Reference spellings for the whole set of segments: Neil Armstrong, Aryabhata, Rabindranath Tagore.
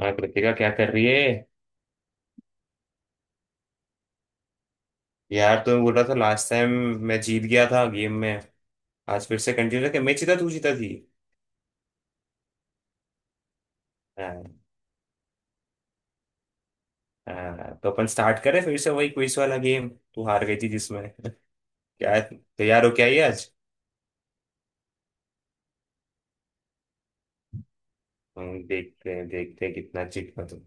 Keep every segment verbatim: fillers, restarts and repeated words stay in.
हाँ, कृतिका क्या कर रही है। यार तुम्हें बोल रहा था लास्ट टाइम मैं जीत गया था गेम में। आज फिर से कंटिन्यू करके मैं जीता, तू जीता थी। हाँ। हाँ, तो अपन स्टार्ट करें फिर से वही क्विज वाला गेम। तू हार गई थी जिसमें क्या तैयार हो क्या ये आज। हम्म, देखते हैं देखते हैं कितना जीत पा तुम।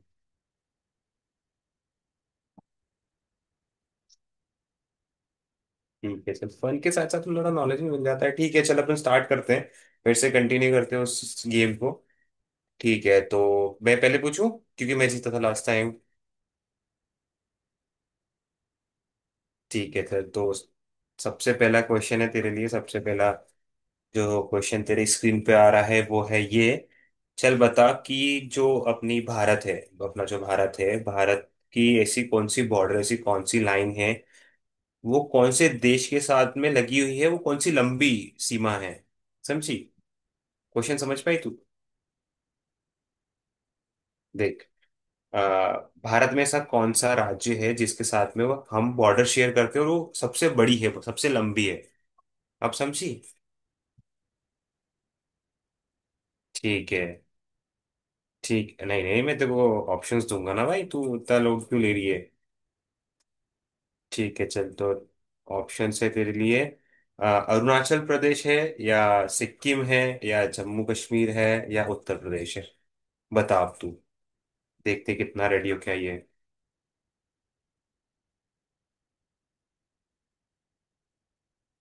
ठीक है, चल फन के साथ साथ थोड़ा नॉलेज भी मिल जाता है। ठीक है, चल अपन स्टार्ट करते हैं। फिर से कंटिन्यू करते हैं उस गेम को। ठीक है, तो मैं पहले पूछूं क्योंकि मैं जीता था लास्ट टाइम। ठीक है, चल तो सबसे पहला क्वेश्चन है तेरे लिए। सबसे पहला जो क्वेश्चन तेरे स्क्रीन पे आ रहा है वो है ये। चल बता कि जो अपनी भारत है, अपना जो भारत है, भारत की ऐसी कौन सी बॉर्डर, ऐसी कौन सी लाइन है वो कौन से देश के साथ में लगी हुई है, वो कौन सी लंबी सीमा है। समझी। क्वेश्चन समझ पाई तू। देख, आ, भारत में ऐसा कौन सा राज्य है जिसके साथ में वो हम बॉर्डर शेयर करते हैं और वो सबसे बड़ी है, वो सबसे लंबी है। आप समझी। ठीक है। ठीक नहीं, नहीं मैं तेरे को ऑप्शंस दूंगा ना भाई, तू इतना लोग क्यों ले रही है। ठीक है, चल तो ऑप्शन है तेरे लिए। अ, अरुणाचल प्रदेश है, या सिक्किम है, या जम्मू कश्मीर है, या उत्तर प्रदेश है। बता अब तू। देखते कितना रेडी हो क्या ये।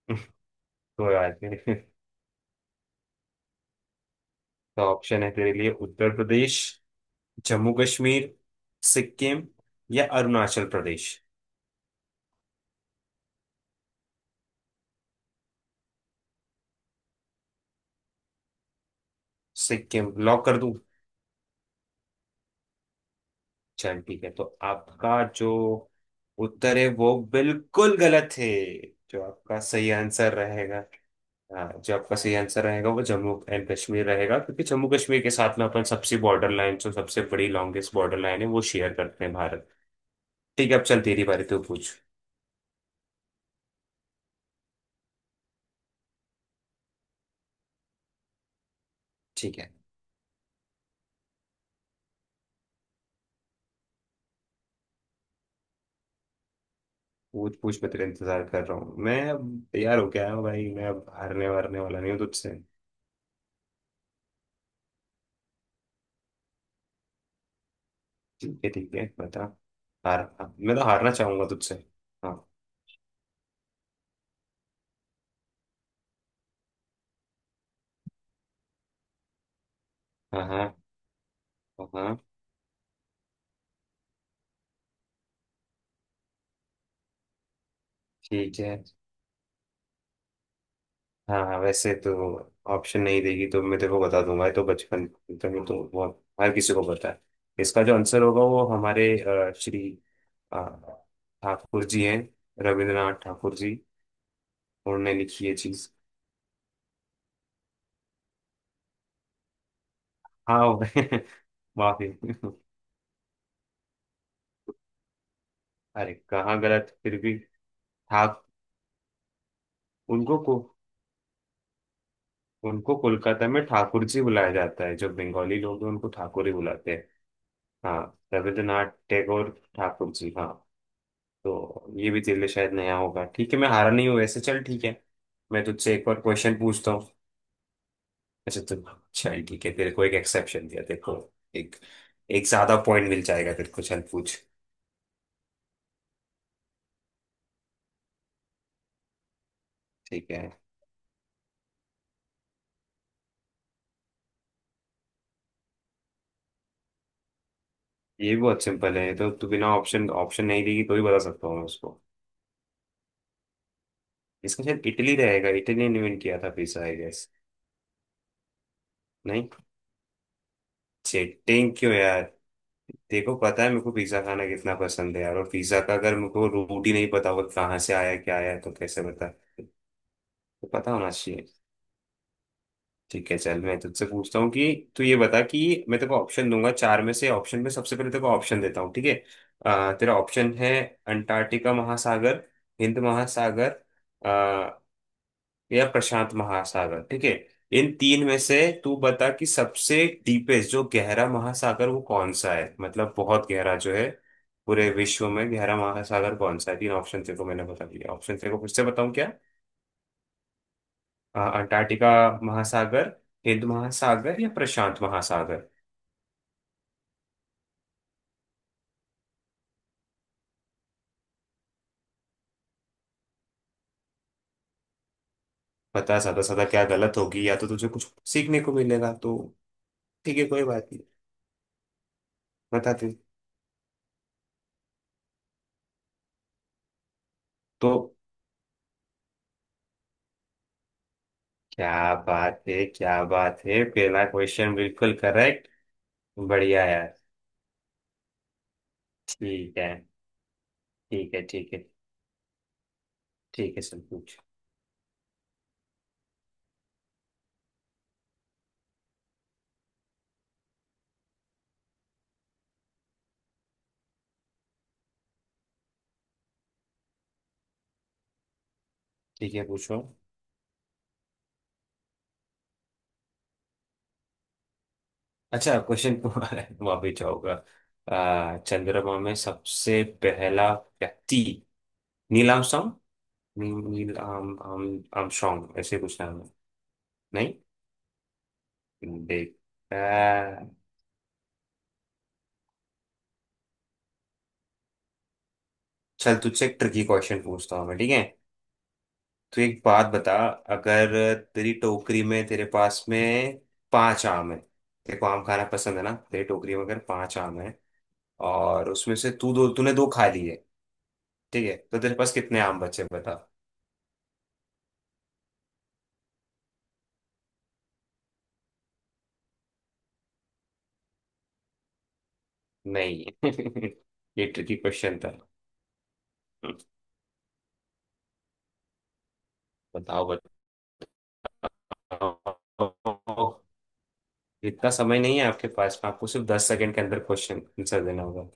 कोई बात नहीं। तो ऑप्शन है तेरे लिए उत्तर प्रदेश, जम्मू कश्मीर, सिक्किम, या अरुणाचल प्रदेश। सिक्किम लॉक कर दूं। चल ठीक है, तो आपका जो उत्तर है वो बिल्कुल गलत है। जो आपका सही आंसर, हाँ जो आपका सही आंसर रहेगा वो जम्मू एंड कश्मीर रहेगा, क्योंकि जम्मू कश्मीर के साथ में अपन सबसे बॉर्डर लाइन, जो सबसे बड़ी लॉन्गेस्ट बॉर्डर लाइन है वो शेयर करते हैं भारत। ठीक है, अब चल तेरी बारी, तो पूछ। ठीक है, पूछ पूछ, मैं तेरा इंतजार कर रहा हूँ। मैं अब तैयार हो गया हूँ भाई, मैं अब हारने वारने वाला नहीं हूँ तुझसे। ठीक है ठीक है, बता। हार, हाँ, मैं तो हारना चाहूंगा तुझसे। हाँ। हाँ। हाँ। हाँ। ठीक है। हाँ वैसे तो, ऑप्शन नहीं देगी तो मैं तेरे को बता दूंगा। ये तो बचपन, तो ये तो बहुत हर किसी को पता है। इसका जो आंसर होगा वो हमारे अ, श्री अ, ठाकुर जी हैं, रविंद्रनाथ ठाकुर जी। उन्होंने लिखी ये चीज। हाँ। माफी। अरे कहाँ गलत फिर भी। ठाक उनको को उनको कोलकाता में ठाकुर जी बुलाया जाता है। जो बंगाली लोग हैं उनको ठाकुर ही बुलाते हैं। हाँ रविंद्रनाथ टैगोर ठाकुर जी, हाँ। तो ये भी तेरे लिए शायद नया होगा। ठीक है, मैं हारा नहीं हूँ वैसे। चल ठीक है, मैं तुझसे एक और क्वेश्चन पूछता हूँ। अच्छा तो चल ठीक है, तेरे को एक एक्सेप्शन दिया तेरे को। एक, एक ज्यादा पॉइंट मिल जाएगा तेरे को। चल पूछ। ठीक है, ये भी बहुत सिंपल है, तो तू बिना ऑप्शन, ऑप्शन नहीं देगी तो ही बता सकता हूँ मैं उसको। इसका शायद इटली रहेगा। इटली ने इन्वेंट किया था पिज्जा, आई गेस। नहीं। चेटिंग क्यों यार। देखो, पता है मेरे को पिज्जा खाना कितना पसंद है यार, और पिज्जा का अगर मेरे को रूट ही नहीं पता होगा कहाँ से आया क्या आया तो कैसे बता। तो पता होना चाहिए। ठीक है, चल मैं तुझसे पूछता हूँ कि तू ये बता कि मैं तेरे को ऑप्शन दूंगा चार में से। ऑप्शन में सबसे पहले तेरे को ऑप्शन देता हूँ, ठीक है। अ, तेरा ऑप्शन है अंटार्कटिका महासागर, हिंद महासागर, अ, या प्रशांत महासागर, ठीक है। इन तीन में से तू बता कि सबसे डीपेस्ट जो गहरा महासागर वो कौन सा है, मतलब बहुत गहरा जो है, पूरे विश्व में गहरा महासागर कौन सा है। तीन ऑप्शन तेरे को मैंने बता दिया, ऑप्शन तेरे को फिर से बताऊँ क्या? आ, अंटार्कटिका महासागर, हिंद महासागर या प्रशांत महासागर। बता सादा सादा, क्या गलत होगी या तो तुझे कुछ सीखने को मिलेगा तो ठीक है, कोई बात नहीं। बताते तो। क्या बात है क्या बात है, पहला क्वेश्चन बिल्कुल करेक्ट। बढ़िया यार। ठीक है। ठीक है ठीक है। ठीक है सर, पूछ। ठीक है, पूछो। अच्छा क्वेश्चन, वहां भी जाओगा। आ, चंद्रमा में सबसे पहला व्यक्ति नील आर्मस्ट्रॉन्ग। नील आम आम आर्मस्ट्रॉन्ग ऐसे कुछ नाम है। नहीं। देख। आ, चल तुझसे एक ट्रिकी क्वेश्चन पूछता हूँ मैं, ठीक है। तू एक बात बता, अगर तेरी टोकरी में, तेरे पास में पांच आम है, तेरे को आम खाना पसंद है ना, तेरी टोकरी में अगर पांच आम है और उसमें से तू दो, तूने दो खा लिए, ठीक है, तो तेरे पास कितने आम बचे बता। नहीं। ये ट्रिकी क्वेश्चन था। बताओ। बताओ, इतना समय नहीं है आपके पास में, आपको सिर्फ दस सेकंड के अंदर क्वेश्चन आंसर देना होगा।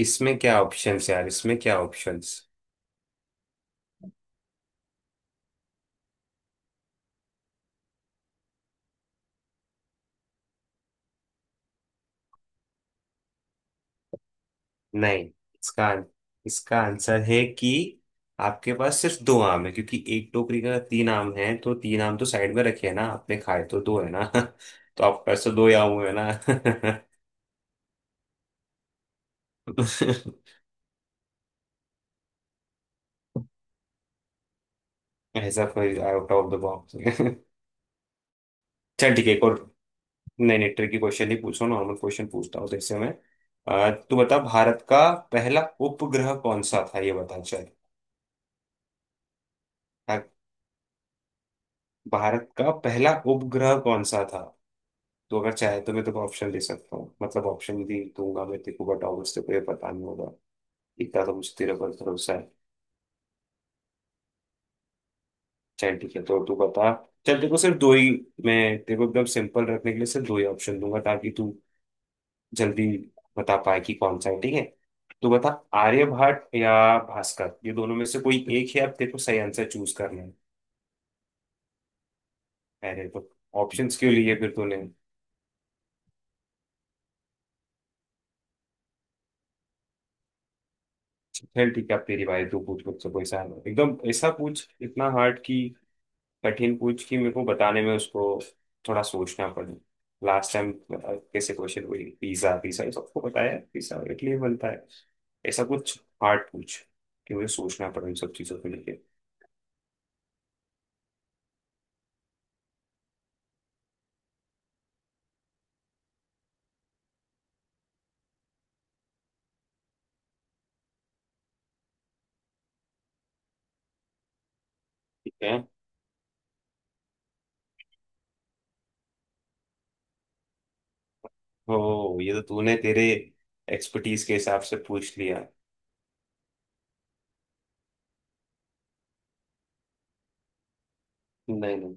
इसमें क्या ऑप्शंस है यार, इसमें क्या ऑप्शंस। नहीं, इसका, इसका आंसर है कि आपके पास सिर्फ दो आम है, क्योंकि एक टोकरी का तीन आम है, तो तीन आम तो साइड में रखे हैं ना, आपने खाए तो दो है ना तो आपके पास तो दो ही आम हुए ना। ऐसा कोई आउट ऑफ द बॉक्स। चल ठीक है, एक और। नहीं नहीं, ट्रिकी क्वेश्चन ही पूछो, नॉर्मल क्वेश्चन पूछता हूँ जैसे मैं। अ, तू बता भारत का पहला उपग्रह कौन सा था, ये बता चल। हाँ, भारत का पहला उपग्रह कौन सा था। तो अगर चाहे तो मैं तुझे ऑप्शन दे सकता हूँ, मतलब ऑप्शन भी दूंगा मैं तेरे को, बताऊँ उससे कोई पता नहीं होगा, इतना तो मुझे तेरे पर भरोसा है। चल ठीक है, तो तू बता। चल तेरे को सिर्फ दो ही, मैं तेरे को एकदम सिंपल रखने के लिए सिर्फ दो ही ऑप्शन दूंगा, ताकि तू जल्दी बता पाए कि कौन सा है, ठीक है, तो बता। आर्यभट्ट या भास्कर, ये दोनों में से कोई एक है, अब तेरे को सही आंसर चूज करना है। अरे, तो ऑप्शंस क्यों लिए फिर तूने। चल ठीक है, अब तेरी बारी, तू पूछ मुझसे कोई सा, एकदम ऐसा पूछ, इतना हार्ड कि, कठिन पूछ कि मेरे को बताने में उसको थोड़ा सोचना पड़े। लास्ट टाइम कैसे क्वेश्चन हुई, पिज्जा पिज्जा ये सबको बताया, पिज्जा इटली में बनता है। ऐसा कुछ हार्ड पूछ कि मुझे सोचना पड़े इन सब चीजों को लेके। ठीक है। ओ, ये तो तूने तेरे एक्सपर्टीज के हिसाब से पूछ लिया। नहीं। नहीं।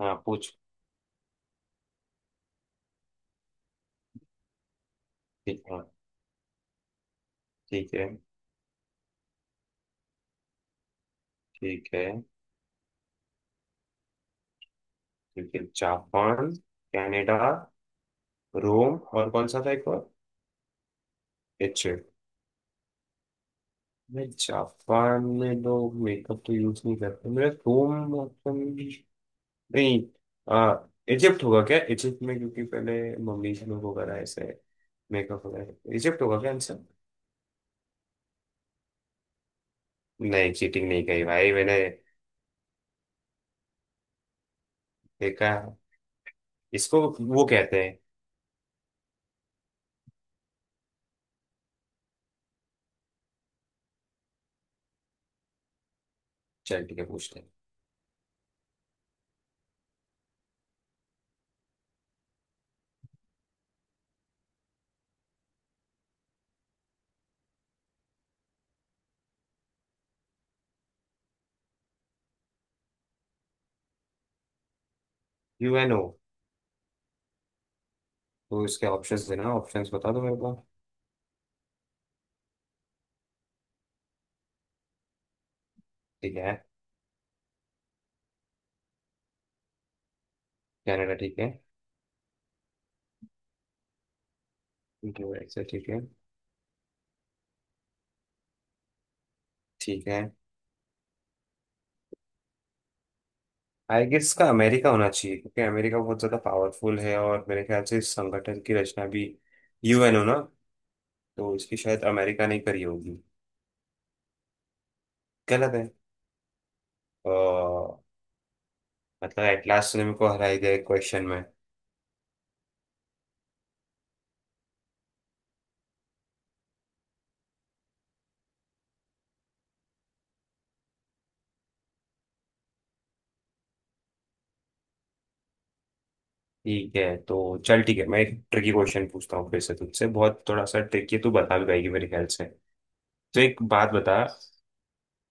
हाँ पूछ। ठीक, हाँ। ठीक है। ठीक है। ठीक है जापान, कनाडा, रोम, और कौन सा था एक और। इच्छे, नहीं जापान में लोग मेकअप तो यूज नहीं करते, मेरा रोम ऑप्शन, नहीं, आ, इजिप्ट होगा क्या, इजिप्ट में, क्योंकि पहले मम्मीज लोग वगैरह ऐसे मेकअप वगैरह, इजिप्ट होगा क्या आंसर। नहीं, चीटिंग नहीं कही भाई मैंने। देखा इसको। वो कहते हैं। चल ठीक है, पूछते हैं। यू एन ओ, तो इसके ऑप्शंस देना, ऑप्शंस बता दो मेरे को। ठीक है, कनाडा ठीक है, यूएसए ठीक है, ठीक है। आई गेस इसका अमेरिका होना चाहिए, क्योंकि अमेरिका बहुत ज़्यादा पावरफुल है, और मेरे ख्याल से इस संगठन की रचना भी यूएन हो ना, तो इसकी शायद अमेरिका ने करी होगी। गलत है। अ, मतलब एटलास ने मेरे को हराई दिया क्वेश्चन में। ठीक है, तो चल ठीक है, मैं एक ट्रिकी क्वेश्चन पूछता हूँ फिर से तुझसे, बहुत थोड़ा सा ट्रिकी है, तू बता भी पाएगी मेरे ख्याल से। तो एक बात बता,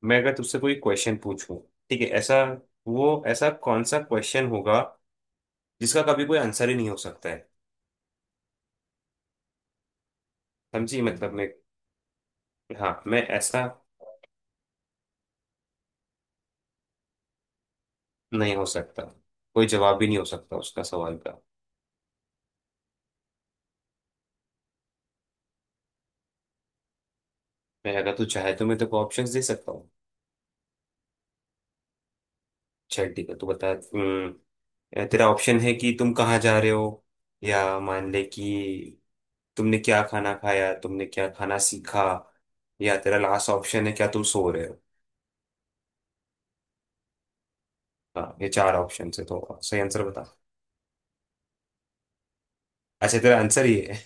मैं अगर तुझसे कोई क्वेश्चन पूछूं ठीक है ऐसा, वो ऐसा कौन सा क्वेश्चन होगा जिसका कभी कोई आंसर ही नहीं हो सकता है। समझी, मतलब मैं। हाँ, मैं ऐसा, नहीं हो सकता, कोई जवाब भी नहीं हो सकता उसका, सवाल का। मैं अगर तू चाहे तो मैं तेरे को ऑप्शंस दे सकता हूँ। चल ठीक है, तू बता। हम्म, तेरा ऑप्शन है कि तुम कहाँ जा रहे हो, या मान ले कि तुमने क्या खाना खाया, तुमने क्या खाना सीखा, या तेरा लास्ट ऑप्शन है क्या तुम सो रहे हो। हाँ ये चार ऑप्शन है, तो सही आंसर बता। अच्छा, तेरा आंसर ही है।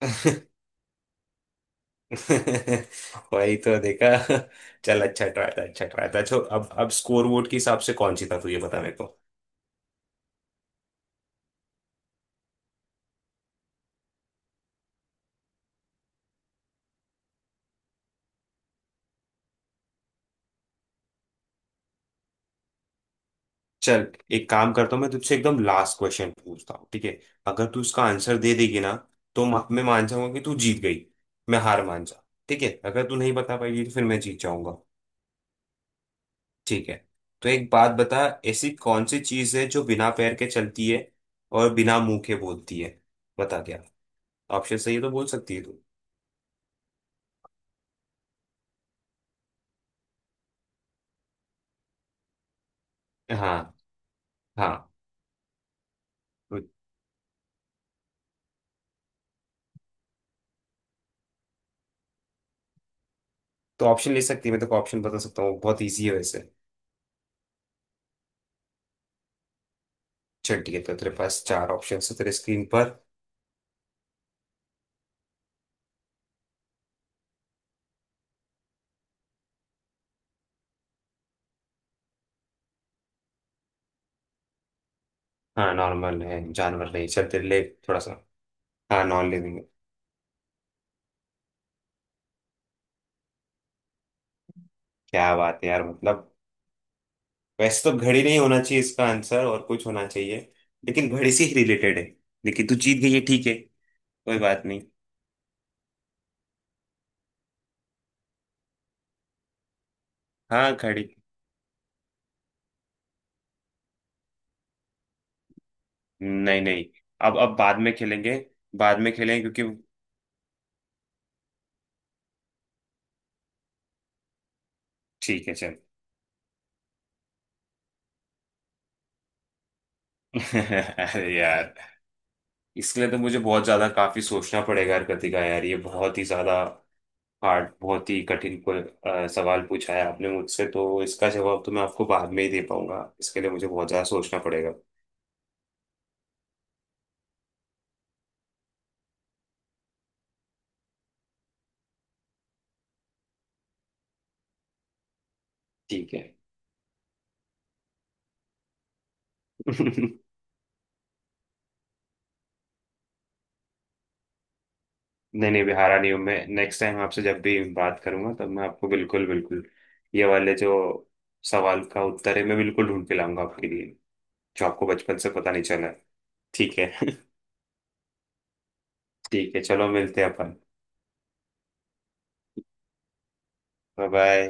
वही तो देखा। चल अच्छा ट्राई था, अच्छा ट्राई था। चलो अब अब स्कोर वोट के हिसाब से कौन जीता तू ये बता मेरे को। चल, एक काम करता हूँ मैं, तुझसे एकदम लास्ट क्वेश्चन पूछता हूँ, ठीक है। अगर तू इसका आंसर दे देगी ना, तो म- मैं मान जाऊंगा कि तू जीत गई, मैं हार मान जा। ठीक है, अगर तू नहीं बता पाएगी तो फिर मैं जीत जाऊंगा। ठीक है, तो एक बात बता, ऐसी कौन सी चीज है जो बिना पैर के चलती है और बिना मुंह के बोलती है। बता, क्या ऑप्शन सही है तो बोल सकती है तू। हाँ हाँ। तो, तो ऑप्शन ले सकती है, मैं तो ऑप्शन बता सकता हूँ, बहुत इजी है वैसे। चल ठीक है, तो तेरे पास चार ऑप्शन है तेरे स्क्रीन पर। हाँ नॉर्मल है, जानवर नहीं, चल तेरे लिए थोड़ा सा। हाँ नॉन लिविंग है। क्या बात है यार, मतलब वैसे तो घड़ी नहीं होना चाहिए इसका आंसर, और कुछ होना चाहिए, लेकिन घड़ी से ही रिलेटेड है। लेकिन तू जीत गई है, ठीक है, कोई बात नहीं। हाँ, घड़ी। नहीं नहीं, अब अब बाद में खेलेंगे। बाद में खेलेंगे, क्योंकि। ठीक है, चल। अरे यार, इसके लिए तो मुझे बहुत ज्यादा काफी सोचना पड़ेगा कृतिका यार, ये बहुत ही ज्यादा हार्ड, बहुत ही कठिन को, अ, सवाल पूछा है आपने मुझसे, तो इसका जवाब तो मैं आपको बाद में ही दे पाऊंगा, इसके लिए मुझे बहुत ज्यादा सोचना पड़ेगा। ठीक है। नहीं नहीं भी हारा नहीं हूं मैं, नेक्स्ट टाइम आपसे जब भी बात करूंगा तब मैं आपको बिल्कुल, बिल्कुल ये वाले जो सवाल का उत्तर है मैं बिल्कुल ढूंढ के लाऊंगा आपके लिए, जो आपको बचपन से पता नहीं चला है। ठीक है। ठीक है, चलो मिलते हैं अपन। Bye bye.